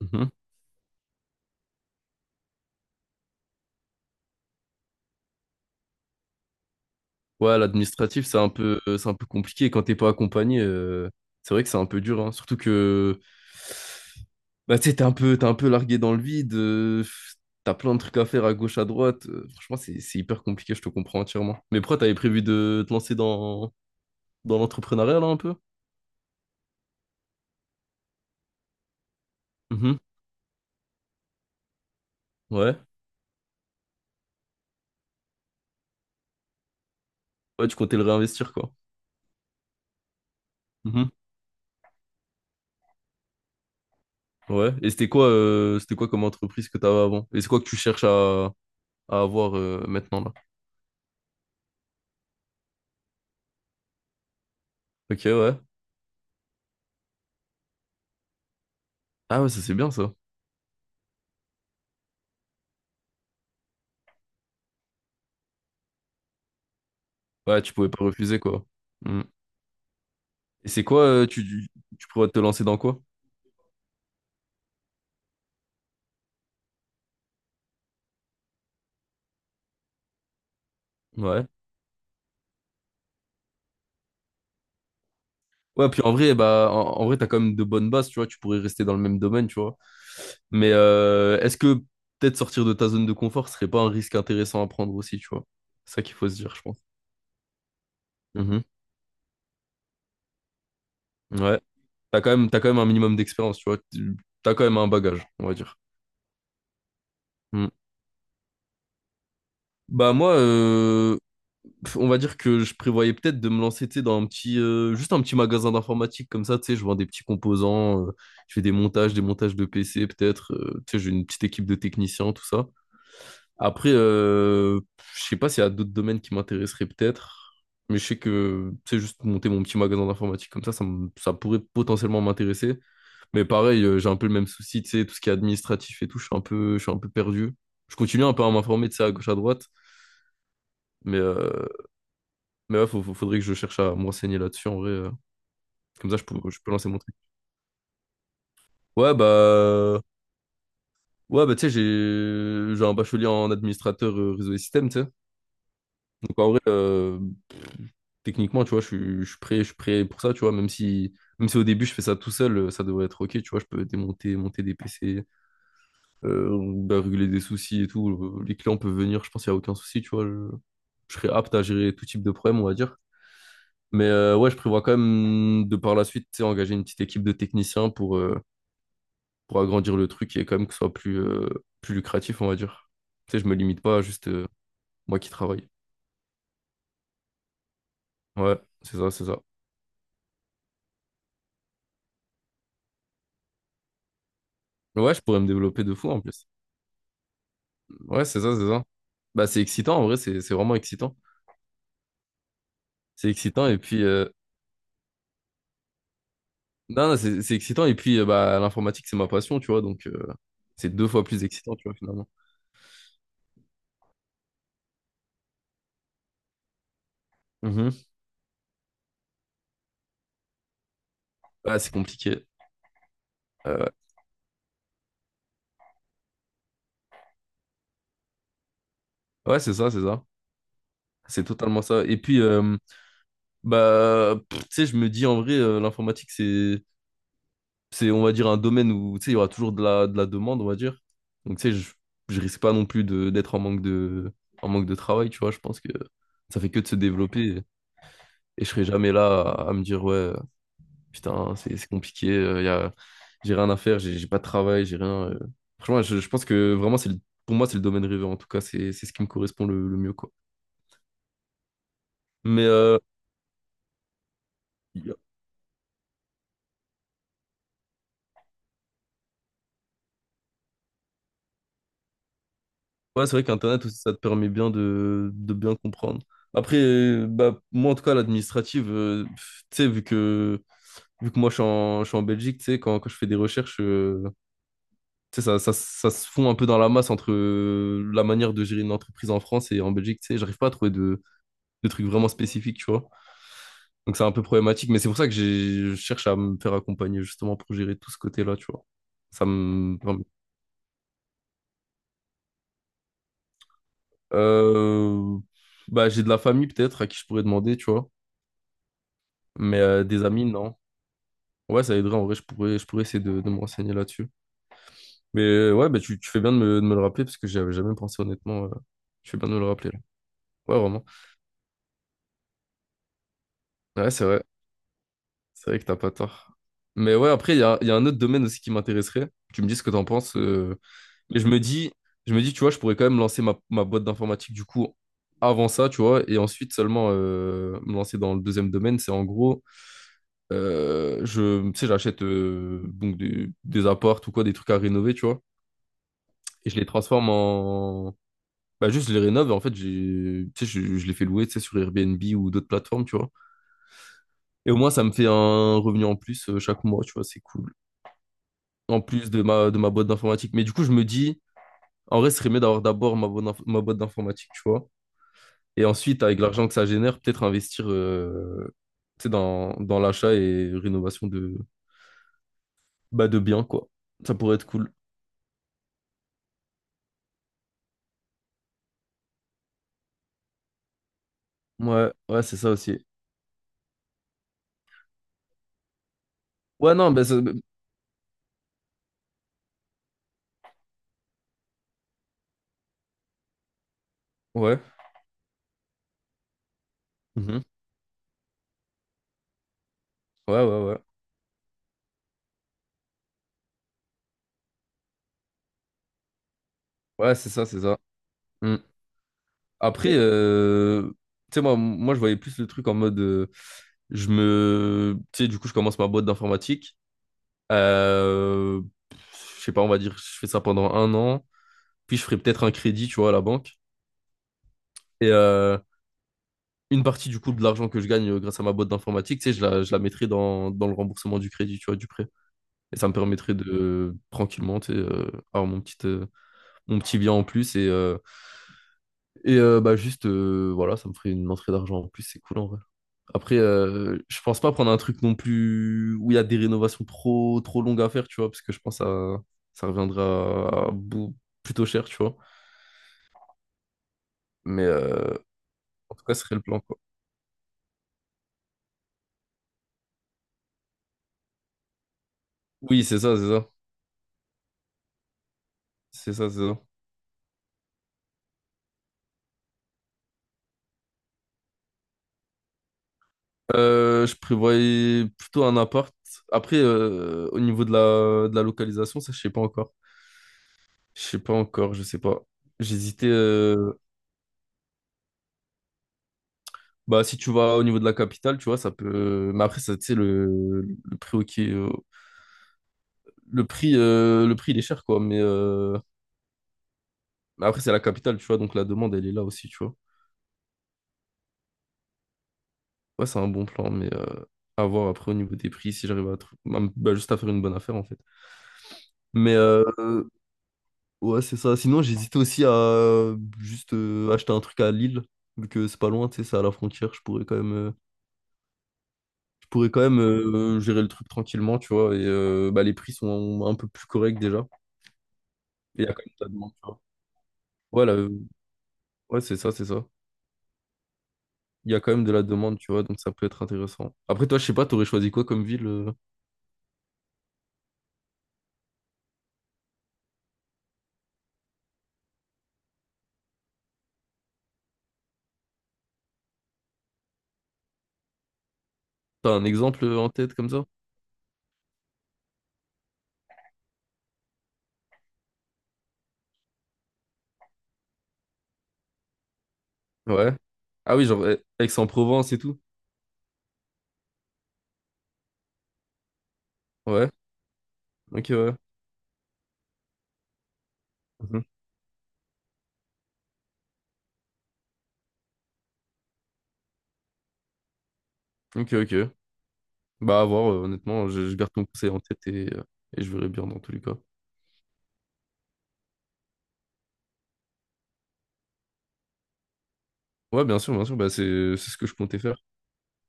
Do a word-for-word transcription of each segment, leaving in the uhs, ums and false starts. Mhm. Ouais, l'administratif, c'est un peu, euh, c'est un peu compliqué. Quand t'es pas accompagné, euh, c'est vrai que c'est un peu dur, hein. Surtout que bah, tu sais, t'es un peu, t'es un peu largué dans le vide. Euh, t'as plein de trucs à faire à gauche, à droite. Euh, franchement, c'est, c'est hyper compliqué, je te comprends entièrement. Mais pourquoi t'avais prévu de te lancer dans, dans l'entrepreneuriat, là, un peu? Mhm. Ouais. Ouais, tu comptais le réinvestir, quoi. Mhm. Ouais. Et c'était quoi, euh, c'était quoi comme entreprise que t'avais avant? Et c'est quoi que tu cherches à, à avoir euh, maintenant, là? Ok, ouais. Ah ouais, ça c'est bien, ça. Ouais, tu pouvais pas refuser, quoi. Mm. Et c'est quoi, euh, tu, tu, tu pourrais te lancer dans quoi? Ouais. Ouais, puis en vrai, bah, en, en vrai, t'as quand même de bonnes bases, tu vois, tu pourrais rester dans le même domaine, tu vois. Mais euh, est-ce que peut-être sortir de ta zone de confort serait pas un risque intéressant à prendre aussi, tu vois? C'est ça qu'il faut se dire, je pense. Mhm. Ouais. T'as quand même, t'as quand même un minimum d'expérience, tu vois. Tu- T'as quand même un bagage, on va dire. Mm. Bah moi, euh, pff, on va dire que je prévoyais peut-être de me lancer, tu sais, dans un petit, euh, juste un petit magasin d'informatique comme ça, tu sais, je vends des petits composants, euh, je fais des montages, des montages de P C peut-être, euh, tu sais, j'ai une petite équipe de techniciens, tout ça. Après, euh, je sais pas s'il y a d'autres domaines qui m'intéresseraient peut-être, mais je sais que, tu sais, juste monter mon petit magasin d'informatique comme ça, ça, me- ça pourrait potentiellement m'intéresser. Mais pareil, euh, j'ai un peu le même souci, tu sais, tout ce qui est administratif et tout, je suis un peu, je suis un peu perdu. Je continue un peu à m'informer, de ça à gauche, à droite, mais euh, mais ouais, faut- faut- faudrait que je cherche à me renseigner là-dessus en vrai. euh. Comme ça, je peux, je peux lancer mon truc. Ouais, bah. Ouais, bah, tu sais, j'ai j'ai un bachelier en administrateur euh, réseau et système, tu sais. Donc, en vrai, euh, techniquement, tu vois, je suis, je suis prêt, je suis prêt pour ça, tu vois. Même si, même si au début, je fais ça tout seul, euh, ça devrait être OK, tu vois. Je peux démonter, monter des P C, euh, bah, régler des soucis et tout. Euh, Les clients peuvent venir, je pense qu'il n'y a aucun souci, tu vois. Je, je serai apte à gérer tout type de problème, on va dire. Mais euh, ouais, je prévois quand même de par la suite, tu sais, engager une petite équipe de techniciens pour. Euh, pour agrandir le truc et quand même que ce soit plus, euh, plus lucratif, on va dire. Tu sais, je me limite pas à juste euh, moi qui travaille. Ouais, c'est ça, c'est ça. Ouais, je pourrais me développer de fou en plus. Ouais, c'est ça, c'est ça. Bah, c'est excitant, en vrai, c'est c'est vraiment excitant. C'est excitant et puis... euh, Non, non, c'est c'est excitant et puis euh, bah, l'informatique, c'est ma passion, tu vois, donc euh, c'est deux fois plus excitant, tu vois, finalement. Mhm. Ouais, c'est compliqué. Euh, ouais, c'est ça, c'est ça. C'est totalement ça. Et puis, euh, bah, pff, tu sais, je me dis en vrai, euh, l'informatique, c'est c'est, on va dire, un domaine où, tu sais, il y aura toujours de la, de la demande, on va dire. Donc, tu sais, je, je risque pas non plus de, d'être en manque de, en manque de travail, tu vois. Je pense que ça fait que de se développer et je serai jamais là à, à me dire, ouais, putain, c'est, c'est compliqué, euh, y a, j'ai rien à faire, j'ai j'ai pas de travail, j'ai rien. euh. Franchement, je, je pense que vraiment, c'est le- pour moi, c'est le domaine rêvé. En tout cas, c'est, c'est ce qui me correspond le, le mieux, quoi. Mais euh, ouais, c'est vrai qu'Internet aussi, ça te permet bien de, de bien comprendre. Après, euh, bah, moi, en tout cas, l'administrative, euh, pff, tu sais, vu que, vu que moi, je suis en, je suis en Belgique, tu sais, quand, quand je fais des recherches, euh, tu sais, ça, ça, ça se fond un peu dans la masse entre euh, la manière de gérer une entreprise en France et en Belgique, tu sais, j'arrive pas à trouver de, de trucs vraiment spécifiques, tu vois. Donc, c'est un peu problématique, mais c'est pour ça que j'ai- je cherche à me faire accompagner, justement, pour gérer tout ce côté-là, tu vois. Ça me... enfin, euh, bah, j'ai de la famille, peut-être, à qui je pourrais demander, tu vois. Mais euh, des amis, non. Ouais, ça aiderait en vrai, je pourrais, je pourrais essayer de, de me renseigner là-dessus. Mais euh, ouais, bah, tu, tu fais bien de me, de me le rappeler parce que j'y avais jamais pensé honnêtement. Euh, tu fais bien de me le rappeler là. Ouais, vraiment. Ouais, c'est vrai. C'est vrai que t'as pas tort. Mais ouais, après, il y a, il y a un autre domaine aussi qui m'intéresserait. Tu me dis ce que t'en penses. euh, Mais je me dis, je me dis, tu vois, je pourrais quand même lancer ma, ma boîte d'informatique du coup avant ça, tu vois, et ensuite seulement euh, me lancer dans le deuxième domaine. C'est en gros, euh, je, tu sais, j'achète euh, donc des, des apparts ou quoi, des trucs à rénover, tu vois. Et je les transforme en... Bah juste, je les rénove. En fait, j'ai- tu sais, je, je les fais louer, tu sais, sur Airbnb ou d'autres plateformes, tu vois. Et au moins, ça me fait un revenu en plus euh, chaque mois, tu vois, c'est cool. En plus de ma, de ma boîte d'informatique. Mais du coup, je me dis, en vrai, ce serait mieux d'avoir d'abord ma boîte d'inf- ma boîte d'informatique, tu vois. Et ensuite, avec l'argent que ça génère, peut-être investir euh, tu sais, dans, dans l'achat et rénovation de, bah, de biens, quoi. Ça pourrait être cool. Ouais, ouais, c'est ça aussi. Ouais, non, bah, ça- bah, ouais. Mhm. Ouais, ouais, ouais. Ouais, c'est ça, c'est ça. Hmm. Après, euh, tu sais, moi, moi, je voyais plus le truc en mode. Euh, je me. Tu sais, du coup, je commence ma boîte d'informatique. Euh, je sais pas, on va dire, je fais ça pendant un an. Puis, je ferai peut-être un crédit, tu vois, à la banque. Et euh, une partie, du coup, de l'argent que je gagne euh, grâce à ma boîte d'informatique, tu sais, je la, je la mettrai dans, dans le remboursement du crédit, tu vois, du prêt. Et ça me permettrait de tranquillement, tu sais, euh, avoir mon petit, euh, mon petit bien en plus. Et, euh, et euh, bah, juste, euh, voilà, ça me ferait une entrée d'argent en plus. C'est cool, en vrai. Après, euh, je pense pas prendre un truc non plus où il y a des rénovations trop, trop longues à faire, tu vois, parce que je pense que ça, ça reviendra à bout- plutôt cher, tu vois. Mais euh, en tout cas, ce serait le plan, quoi. Oui, c'est ça, c'est ça. C'est ça, c'est ça. Euh, je prévoyais plutôt un appart. Après, euh, au niveau de la, de la localisation, ça, je sais pas encore. Je sais pas encore, je sais pas. J'hésitais. euh, Bah, si tu vas au niveau de la capitale, tu vois, ça peut. Mais après, ça, tu sais, le, le prix au, le prix, euh, le prix, il est cher, quoi. Mais, euh, mais après, c'est la capitale, tu vois. Donc, la demande, elle est là aussi, tu vois. Ouais, c'est un bon plan, mais euh, à voir après au niveau des prix, si j'arrive à, trou- à me- bah, juste à faire une bonne affaire, en fait. Mais euh, ouais, c'est ça. Sinon, j'hésitais aussi à juste euh, acheter un truc à Lille, vu que c'est pas loin, tu sais, c'est à la frontière. Je pourrais quand même, euh, je pourrais quand même euh, gérer le truc tranquillement, tu vois. Et euh, bah, les prix sont un peu plus corrects déjà. Et il y a quand même de la demande, tu vois. Voilà, euh, ouais, c'est ça, c'est ça. Il y a quand même de la demande, tu vois, donc ça peut être intéressant. Après, toi, je sais pas, t'aurais choisi quoi comme ville? Euh, t'as un exemple euh, en tête comme ça? Ouais. Ah oui, genre eh, Aix-en-Provence et tout. Ouais. Ok, ouais. Mhm. Ok, ok. Bah, à voir, euh, honnêtement, je, je garde ton conseil en tête et, euh, et je verrai bien dans tous les cas. Ouais, bien sûr, bien sûr, bah, c'est c'est ce que je comptais faire.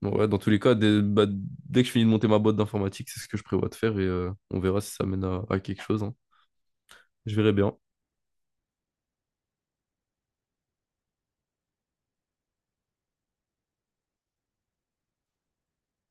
Bon, ouais, dans tous les cas, dès, bah, dès que je finis de monter ma boîte d'informatique, c'est ce que je prévois de faire et euh, on verra si ça mène à, à quelque chose, hein. Je verrai bien.